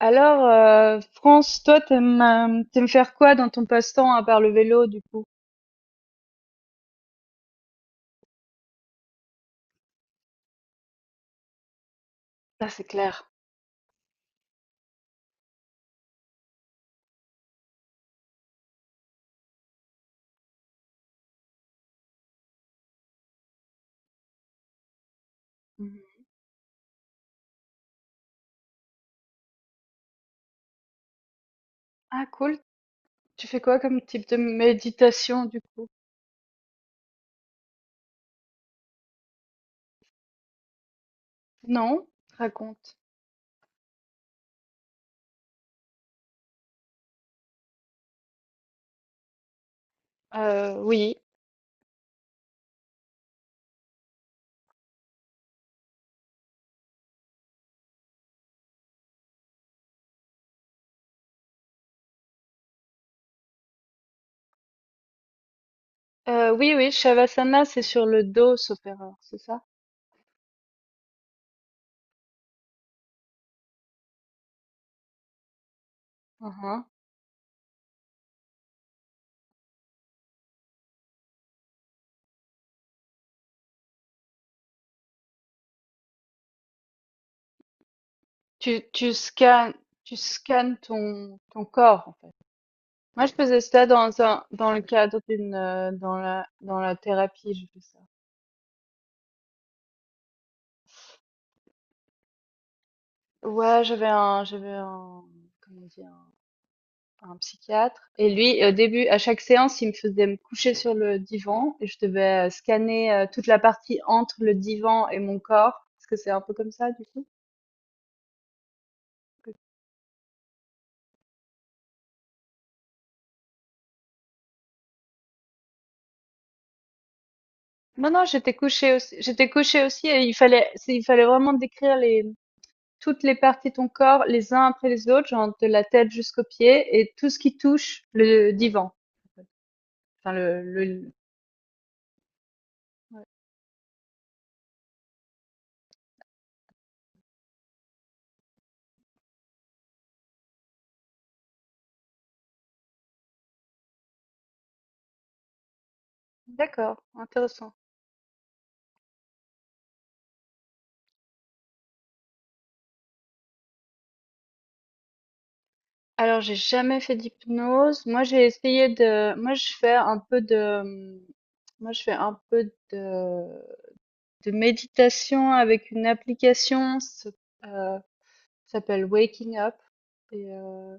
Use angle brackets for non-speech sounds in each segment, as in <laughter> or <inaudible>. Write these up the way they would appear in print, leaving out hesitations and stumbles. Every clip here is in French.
Alors, France, toi, t'aimes faire quoi dans ton passe-temps à part le vélo, du coup? Ah, c'est clair. Mhm. Ah, cool. Tu fais quoi comme type de méditation, du coup? Non? Raconte. Oui. Oui, oui, Shavasana, c'est sur le dos, sauf erreur, c'est ça? Mhm. Tu, tu scannes, tu scannes ton corps, en fait. Moi, je faisais ça dans le cadre dans la thérapie, je fais ça. Ouais, comment dire, un psychiatre. Et lui, au début, à chaque séance, il me faisait me coucher sur le divan et je devais scanner toute la partie entre le divan et mon corps. Est-ce que c'est un peu comme ça, du coup? Non, non, j'étais couchée aussi. J'étais couchée aussi et il fallait vraiment toutes les parties de ton corps, les uns après les autres, genre de la tête jusqu'aux pieds et tout ce qui touche le divan. Enfin, ouais. D'accord, intéressant. Alors, j'ai jamais fait d'hypnose. Moi, j'ai essayé de, moi, je fais un peu de, moi, je fais un peu de méditation avec une application, ça euh, s'appelle Waking Up. Et,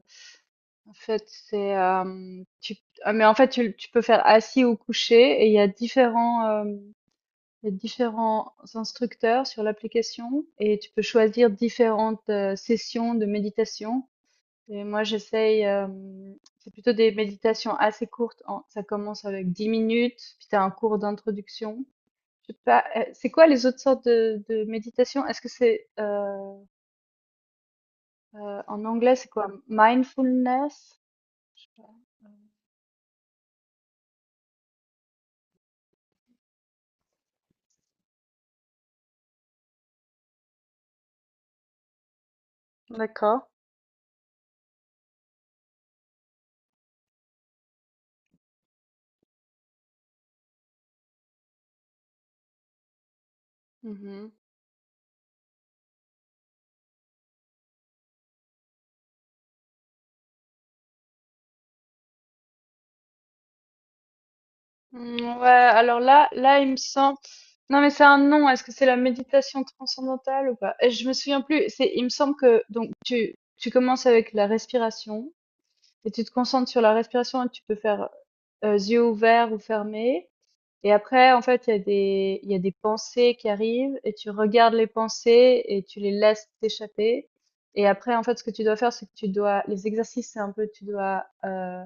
en fait, c'est, tu, ah, Mais en fait, tu peux faire assis ou couché et il y a différents instructeurs sur l'application et tu peux choisir différentes sessions de méditation. Et moi, j'essaye, c'est plutôt des méditations assez courtes en ça commence avec 10 minutes, puis tu as un cours d'introduction. Je sais pas, c'est quoi les autres sortes de méditation? Est-ce que c'est, en anglais, c'est quoi? Mindfulness? D'accord. Mmh, mh. Mmh, ouais, alors là, il me semble non, mais c'est un nom. Est-ce que c'est la méditation transcendantale ou pas? Et je me souviens plus. C'est, il me semble que donc tu commences avec la respiration. Et tu te concentres sur la respiration et yeux ouverts ou fermés, et après en fait il y a des pensées qui arrivent et tu regardes les pensées et tu les laisses t'échapper. Et après en fait ce que tu dois faire, c'est que tu dois les exercices, c'est un peu tu dois,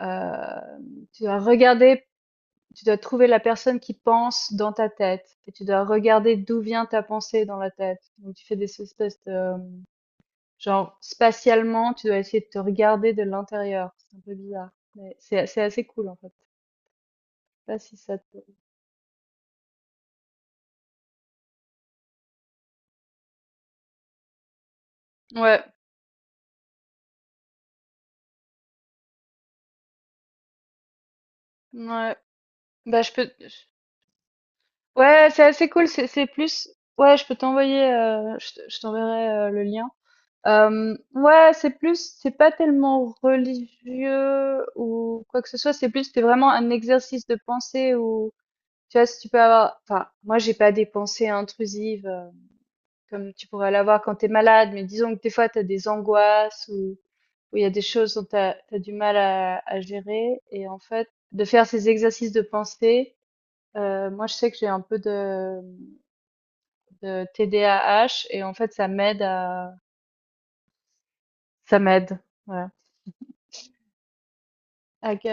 heu, tu dois regarder, tu dois trouver la personne qui pense dans ta tête et tu dois regarder d'où vient ta pensée dans la tête. Donc tu fais des espèces de... Genre, spatialement, tu dois essayer de te regarder de l'intérieur. C'est un peu bizarre. Mais c'est assez cool, en fait. Je sais pas si ça te... Ouais, ouais. Bah, je peux... je- Ouais, c'est assez cool. Ouais, je peux t'envoyer... je t'enverrai le lien. Ouais, c'est plus... C'est pas tellement religieux ou quoi que ce soit. C'est plus... C'est vraiment un exercice de pensée où... Tu vois, si tu peux avoir... Enfin, moi, j'ai pas des pensées intrusives, comme tu pourrais l'avoir quand tu es malade, mais disons que des fois tu as des angoisses ou où il y a des choses dont du mal à gérer. Et en fait, de faire ces exercices de pensée, moi je sais que j'ai de TDAH et en fait ça m'aide à... Ça m'aide. Ouais. Ok.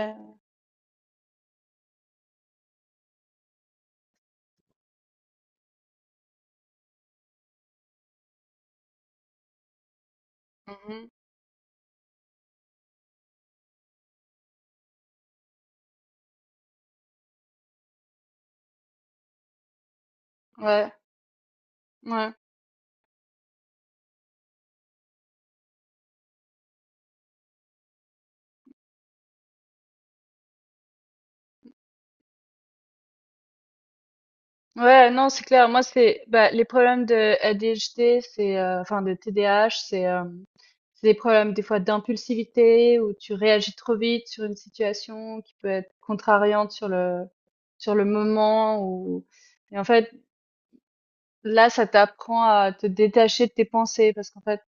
Mhm. Ouais. Ouais. Ouais, non, c'est clair. Moi, c'est bah, les problèmes de ADHD, c'est enfin de TDAH, c'est des problèmes des fois d'impulsivité où tu réagis trop vite sur une situation qui peut être contrariante sur le moment ou, et en fait là, ça t'apprend à te détacher de tes pensées parce qu'en fait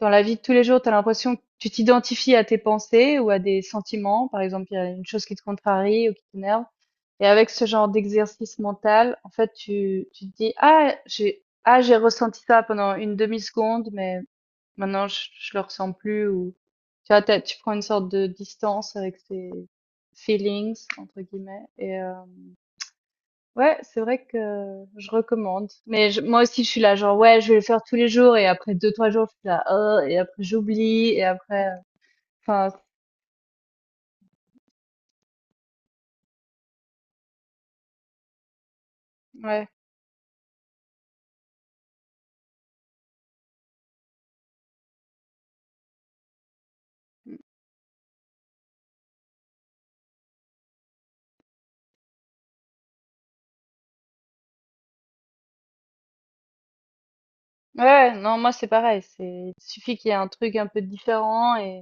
dans la vie de tous les jours, tu as l'impression que tu t'identifies à tes pensées ou à des sentiments. Par exemple, il y a une chose qui te contrarie ou qui t'énerve. Et avec ce genre d'exercice mental, en fait, tu te dis, j'ai ressenti ça pendant une demi-seconde, mais maintenant, je le ressens plus, ou tu vois, tu prends une sorte de distance avec ces feelings, entre guillemets, ouais, c'est vrai que je recommande. Moi aussi, je suis là, genre, ouais, je vais le faire tous les jours. Et après 2, 3 jours, je suis là, oh, et après j'oublie. Et après, enfin, ouais. Ouais, non, moi c'est pareil. C'est, il suffit qu'il y ait un truc un peu différent.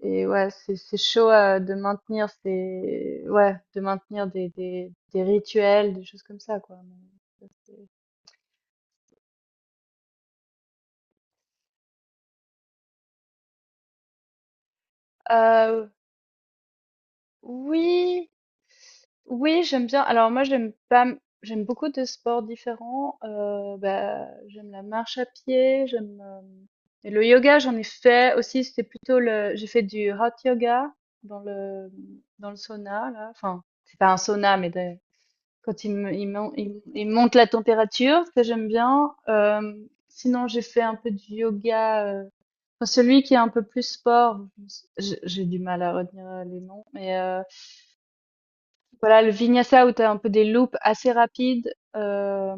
Et ouais, c'est chaud de maintenir de maintenir des rituels, des choses comme ça, quoi. Mais ça, c'est- Euh, oui. Oui, j'aime bien. Alors moi, j'aime pas, m- j'aime beaucoup de sports différents. Bah, j'aime la marche à pied, j'aime et le yoga, j'en ai fait aussi. C'était plutôt le, j'ai fait du hot yoga dans le dans le sauna là. Enfin, c'est pas un sauna, mais des- quand il me, il, mon- il monte la température, ça j'aime bien. Sinon, j'ai fait un peu du yoga, enfin, celui qui est un peu plus sport. J'ai du mal à retenir les noms, mais voilà, le vinyasa où tu as un peu des loops assez rapides,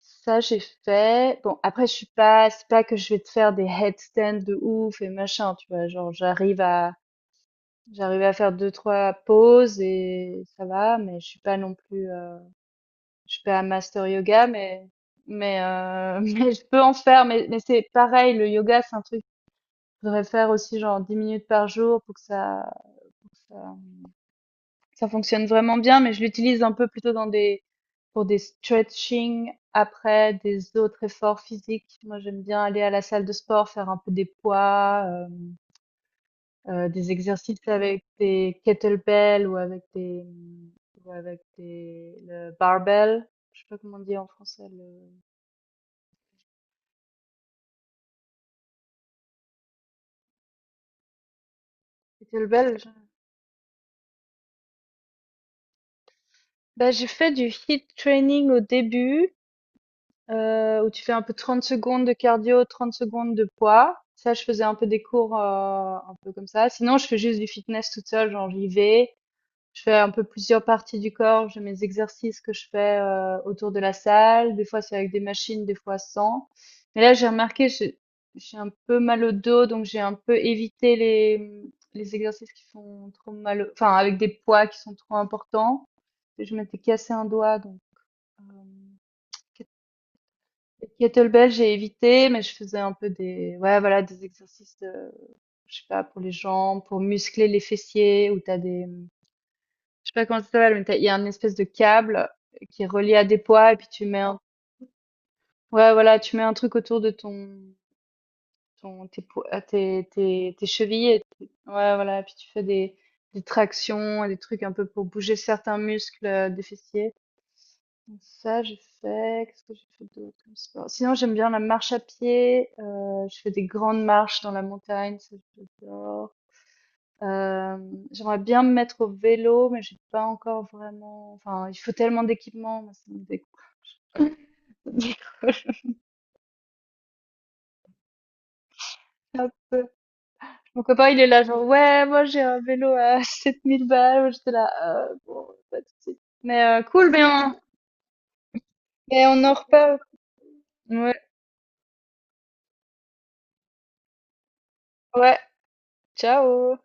ça j'ai fait. Bon, après je suis pas, c'est pas que je vais te faire des headstands de ouf et machin, tu vois, j'arrive à faire deux trois pauses et ça va, mais je suis pas non plus je suis pas un master yoga, mais <laughs> mais je peux en faire, mais c'est pareil, le yoga c'est un truc que je devrais faire aussi genre 10 minutes par jour pour que ça, pour que ça ça fonctionne vraiment bien, mais je l'utilise un peu plutôt pour des stretching après des autres efforts physiques. Moi, j'aime bien aller à la salle de sport, faire un peu des poids, des exercices avec des kettlebells ou avec des, le barbell. Je sais pas comment on dit en français, le kettlebell. Bah, j'ai fait du hit training au début, où tu fais un peu 30 secondes de cardio, 30 secondes de poids. Ça, je faisais un peu des cours, un peu comme ça. Sinon, je fais juste du fitness toute seule, genre j'y vais, je fais un peu plusieurs parties du corps, j'ai mes exercices que je fais, autour de la salle. Des fois, c'est avec des machines, des fois sans. Mais là, j'ai remarqué, j'ai un peu mal au dos, donc j'ai un peu évité les, les exercices qui font trop mal au, enfin avec des poids qui sont trop importants. Je m'étais cassé un doigt donc, hem les kettlebells, j'ai évité, mais je faisais un peu des, ouais, voilà, des exercices, je sais pas, pour les jambes, pour muscler les fessiers, où t'as des, je sais pas comment ça s'appelle, mais il y a une espèce de câble qui est relié à des poids, et puis ouais, voilà, tu mets un truc autour de ton, ton, tes, po- à tes, tes, tes chevilles, et ouais, voilà, puis tu fais des tractions, et des trucs un peu pour bouger certains muscles des fessiers. Donc ça, j'ai fait. Qu'est-ce que j'ai fait d'autre comme sport? Sinon, j'aime bien la marche à pied. Je fais des grandes marches dans la montagne, ça j'adore. Euh, J'aimerais bien me mettre au vélo, mais j'ai pas encore vraiment. Enfin, il faut tellement d'équipement, moi, ça me décou- ça <laughs> un peu. Mon copain, il est là, genre, ouais, moi j'ai un vélo à <laughs> 7 000 balles. Moi, j'étais là, bon, pas de suite. Mais cool, mais mais on en reparle. Ouais, ouais, ciao.